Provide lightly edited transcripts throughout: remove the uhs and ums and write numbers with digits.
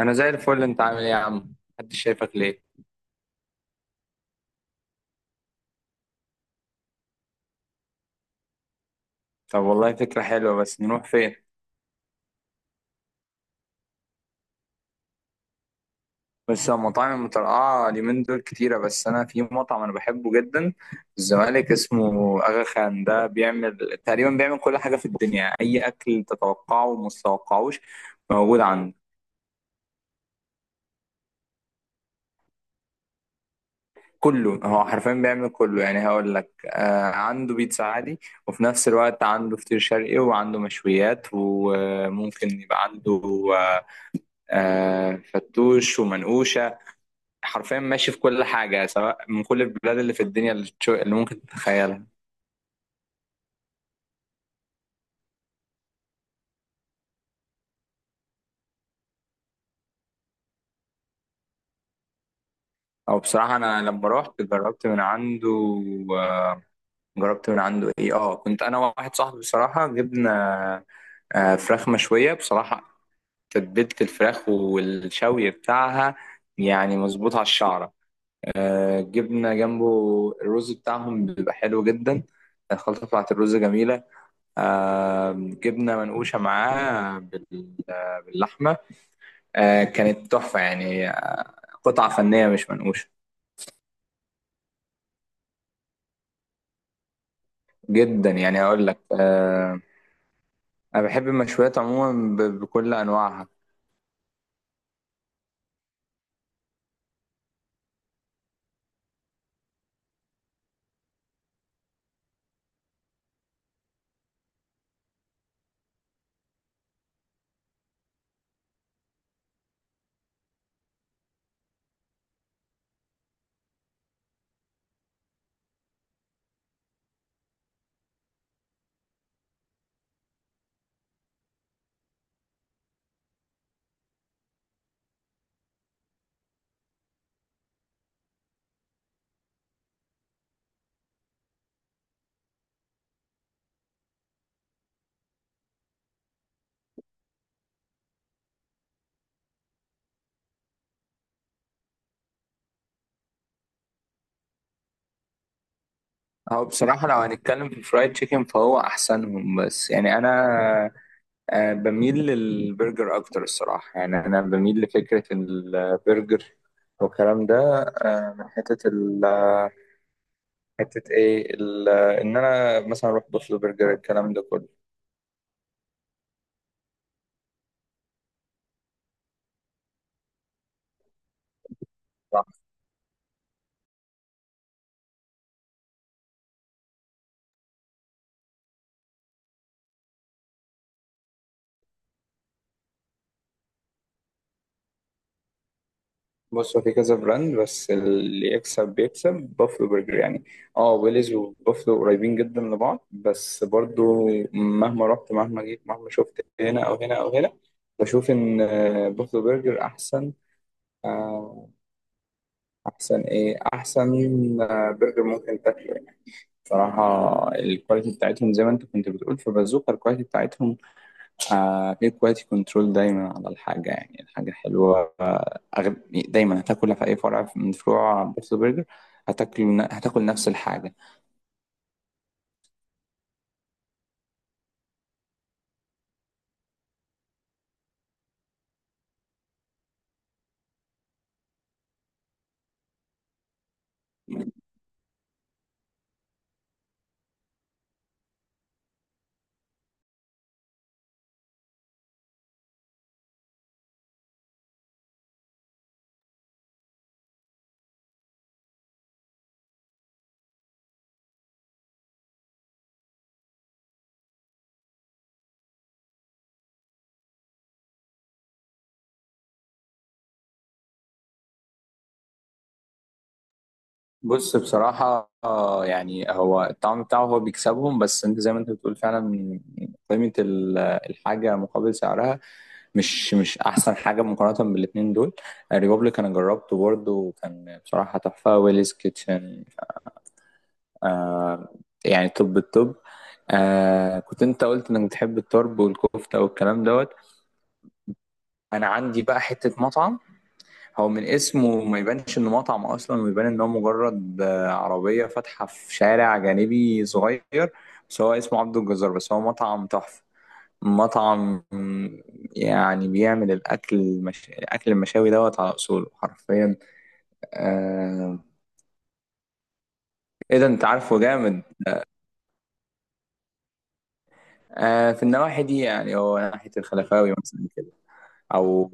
انا زي الفل. انت عامل ايه يا عم، محدش شايفك ليه؟ طب والله فكره حلوه، بس نروح فين؟ بس المطاعم المترقعه اليومين دول كتيره. بس انا في مطعم انا بحبه جدا في الزمالك اسمه اغا خان. ده بيعمل تقريبا، بيعمل كل حاجه في الدنيا، اي اكل تتوقعه وما تتوقعوش موجود عنده. كله، هو حرفيا بيعمل كله. يعني هقول لك عنده بيتزا عادي، وفي نفس الوقت عنده فطير شرقي وعنده مشويات، وممكن يبقى عنده آه فتوش ومنقوشة. حرفيا ماشي في كل حاجة، سواء من كل البلاد اللي في الدنيا، اللي ممكن تتخيلها. أو بصراحة أنا لما روحت جربت من عنده. آه، جربت من عنده إيه آه كنت أنا وواحد صاحبي، بصراحة جبنا فراخ مشوية. بصراحة تتبيلة الفراخ والشوي بتاعها يعني مظبوط على الشعرة. جبنا جنبه الرز بتاعهم، بيبقى حلو جدا، الخلطة بتاعت الرز جميلة. جبنا منقوشة معاه باللحمة. آه كانت تحفة يعني، آه قطعة فنية، مش منقوشة. جدا يعني، هقول لك آه. أنا بحب المشويات عموما بكل أنواعها. هو بصراحة لو هنتكلم في الفرايد تشيكن فهو أحسنهم، بس يعني أنا آه بميل للبرجر أكتر الصراحة. يعني أنا بميل لفكرة البرجر والكلام ده، من حتة ال حتة إيه ال إن أنا مثلا أروح بوفلو برجر الكلام ده كله. بص، هو في كذا براند بس اللي يكسب بيكسب، بافلو برجر يعني. اه ويليز وبافلو قريبين جدا لبعض، بس برضو مهما رحت مهما جيت مهما شفت هنا او هنا او هنا، بشوف ان بافلو برجر احسن. آه، احسن ايه احسن آه، برجر ممكن تاكله يعني. بصراحة الكواليتي بتاعتهم، زي ما انت كنت بتقول في بازوكا، الكواليتي بتاعتهم هتلاقي كواليتي كنترول دايما على الحاجة. يعني الحاجة حلوة، دايما هتاكلها في أي فرع من فروع بيرث برجر. هتاكل نفس الحاجة. بص بصراحة آه، يعني هو الطعم بتاعه هو بيكسبهم، بس أنت زي ما أنت بتقول فعلا، قيمة ال- الحاجة مقابل سعرها مش أحسن حاجة مقارنة بالاتنين دول. الريبوبليك أنا جربته برضه وكان بصراحة تحفة، ويليز كيتشن آه، يعني توب التوب. آه كنت انت قلت انك بتحب الطرب والكفته والكلام دوت. انا عندي بقى حته مطعم، هو من اسمه ما يبانش انه مطعم اصلا، ويبان ان هو مجرد عربيه فاتحه في شارع جانبي صغير، بس هو اسمه عبد الجزار. بس هو مطعم تحفه، مطعم يعني بيعمل الاكل المشاوي دوت على اصوله حرفيا، آه. ايه ده انت عارفه جامد. آه في النواحي دي، يعني هو ناحيه الخلفاوي مثلا. او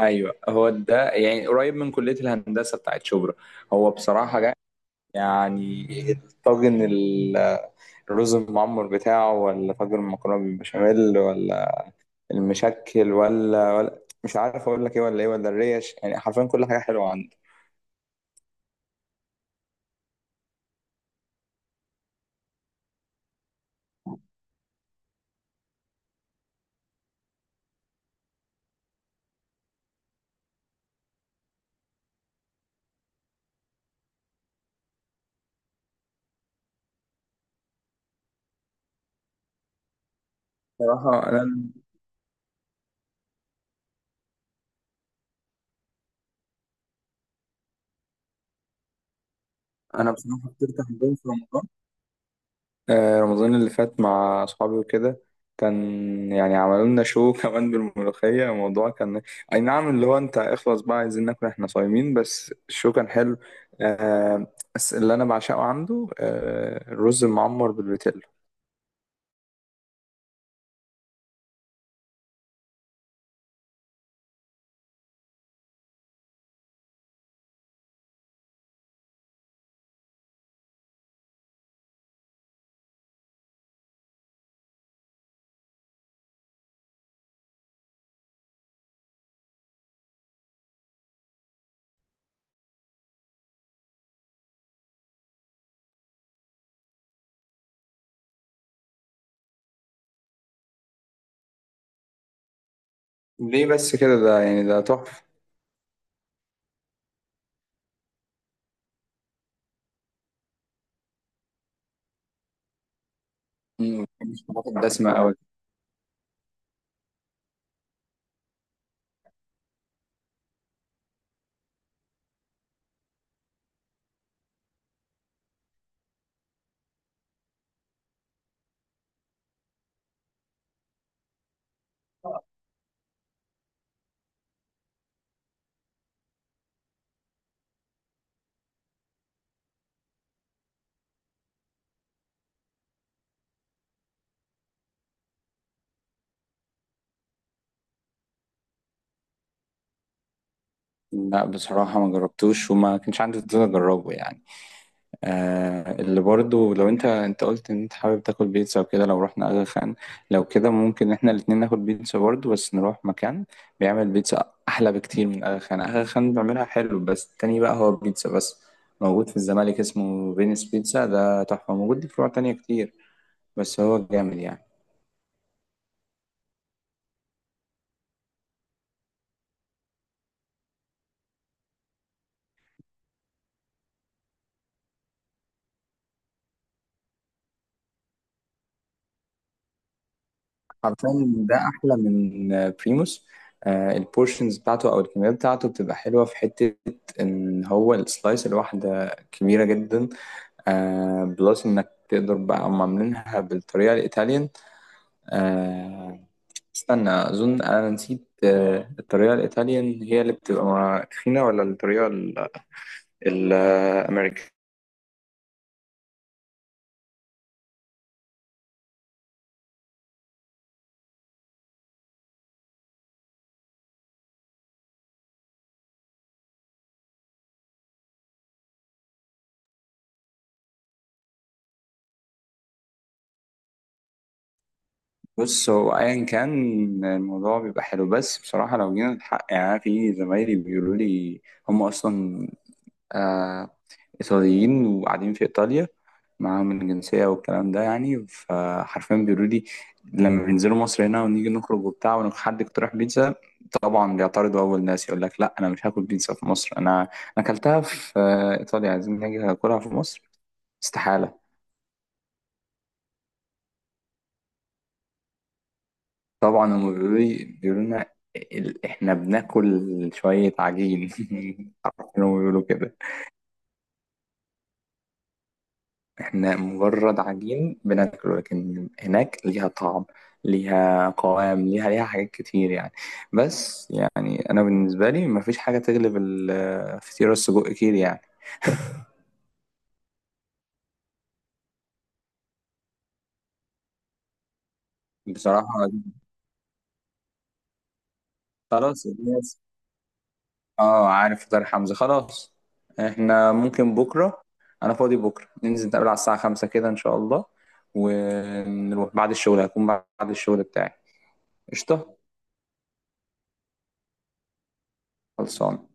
ايوه، هو ده، يعني قريب من كليه الهندسه بتاعت شبرا. هو بصراحه جا، يعني الرز المعمر بتاعه، ولا طاجن المكرونه بالبشاميل، ولا المشكل، ولا مش عارف اقول لك ايه، ولا ايه، ولا الريش، يعني حرفيا كل حاجه حلوه عنده. بصراحة أنا بصراحة فطرت عندهم في رمضان، رمضان اللي فات مع أصحابي وكده. كان يعني عملوا لنا شو كمان بالملوخية. الموضوع كان أي نعم، اللي هو أنت اخلص بقى، عايزين ناكل، إحنا صايمين، بس الشو كان حلو. آه، بس اللي أنا بعشقه عنده الرز المعمر بالبتلو. ليه بس كده؟ ده يعني ده تحفة. مم، ما بحبش الحاجات الدسمة أوي. لا بصراحة ما جربتوش وما كانش عندي فضول أجربه يعني. آه اللي برضو لو انت قلت ان انت حابب تاكل بيتزا وكده، لو رحنا اغا خان، لو كده ممكن احنا الاتنين ناكل بيتزا برضو، بس نروح مكان بيعمل بيتزا احلى بكتير من اغا خان. اغا خان بيعملها حلو، بس التاني بقى هو بيتزا بس. موجود في الزمالك اسمه فينيس بيتزا، ده تحفة، موجود ليه فروع تانية كتير، بس هو جامد يعني. حرفيا ده احلى من بريموس. آه البورشنز بتاعته او الكميات بتاعته بتبقى حلوة، في حتة ان هو السلايس الواحدة كبيرة جدا. آه بلس انك تقدر بقى، هم عاملينها بالطريقه الايطاليان. آه استنى، اظن انا نسيت، آه الطريقه الايطاليان هي اللي بتبقى تخينه، ولا الامريكان. بص هو ايا كان الموضوع بيبقى حلو، بس بصراحه لو جينا الحق يعني، أنا في زمايلي بيقولوا لي هم اصلا آه إيطاليين وقاعدين في إيطاليا، معاهم الجنسية والكلام ده يعني. فحرفيا بيقولوا لي، لما بينزلوا مصر هنا ونيجي نخرج وبتاع، وحد اقترح بيتزا، طبعا بيعترضوا أول ناس، يقول لك لا أنا مش هاكل بيتزا في مصر، أنا أكلتها في إيطاليا، عايزين نيجي أكلها في مصر؟ استحالة. طبعا هم بيقولوا لي، بيقولوا لنا، إحنا بناكل شوية عجين. عارفين هم بيقولوا كده. احنا مجرد عجين بناكله، لكن هناك ليها طعم، ليها قوام، ليها حاجات كتير يعني. بس يعني انا بالنسبه لي مفيش حاجه تغلب الفطيره السجق كيري يعني. بصراحه خلاص الناس، اه عارف فطار حمزه. خلاص احنا ممكن بكره، انا فاضي بكره، ننزل نتقابل على الساعه 5 كده ان شاء الله، ونروح بعد الشغل، هكون بعد الشغل بتاعي. قشطه. خلصان.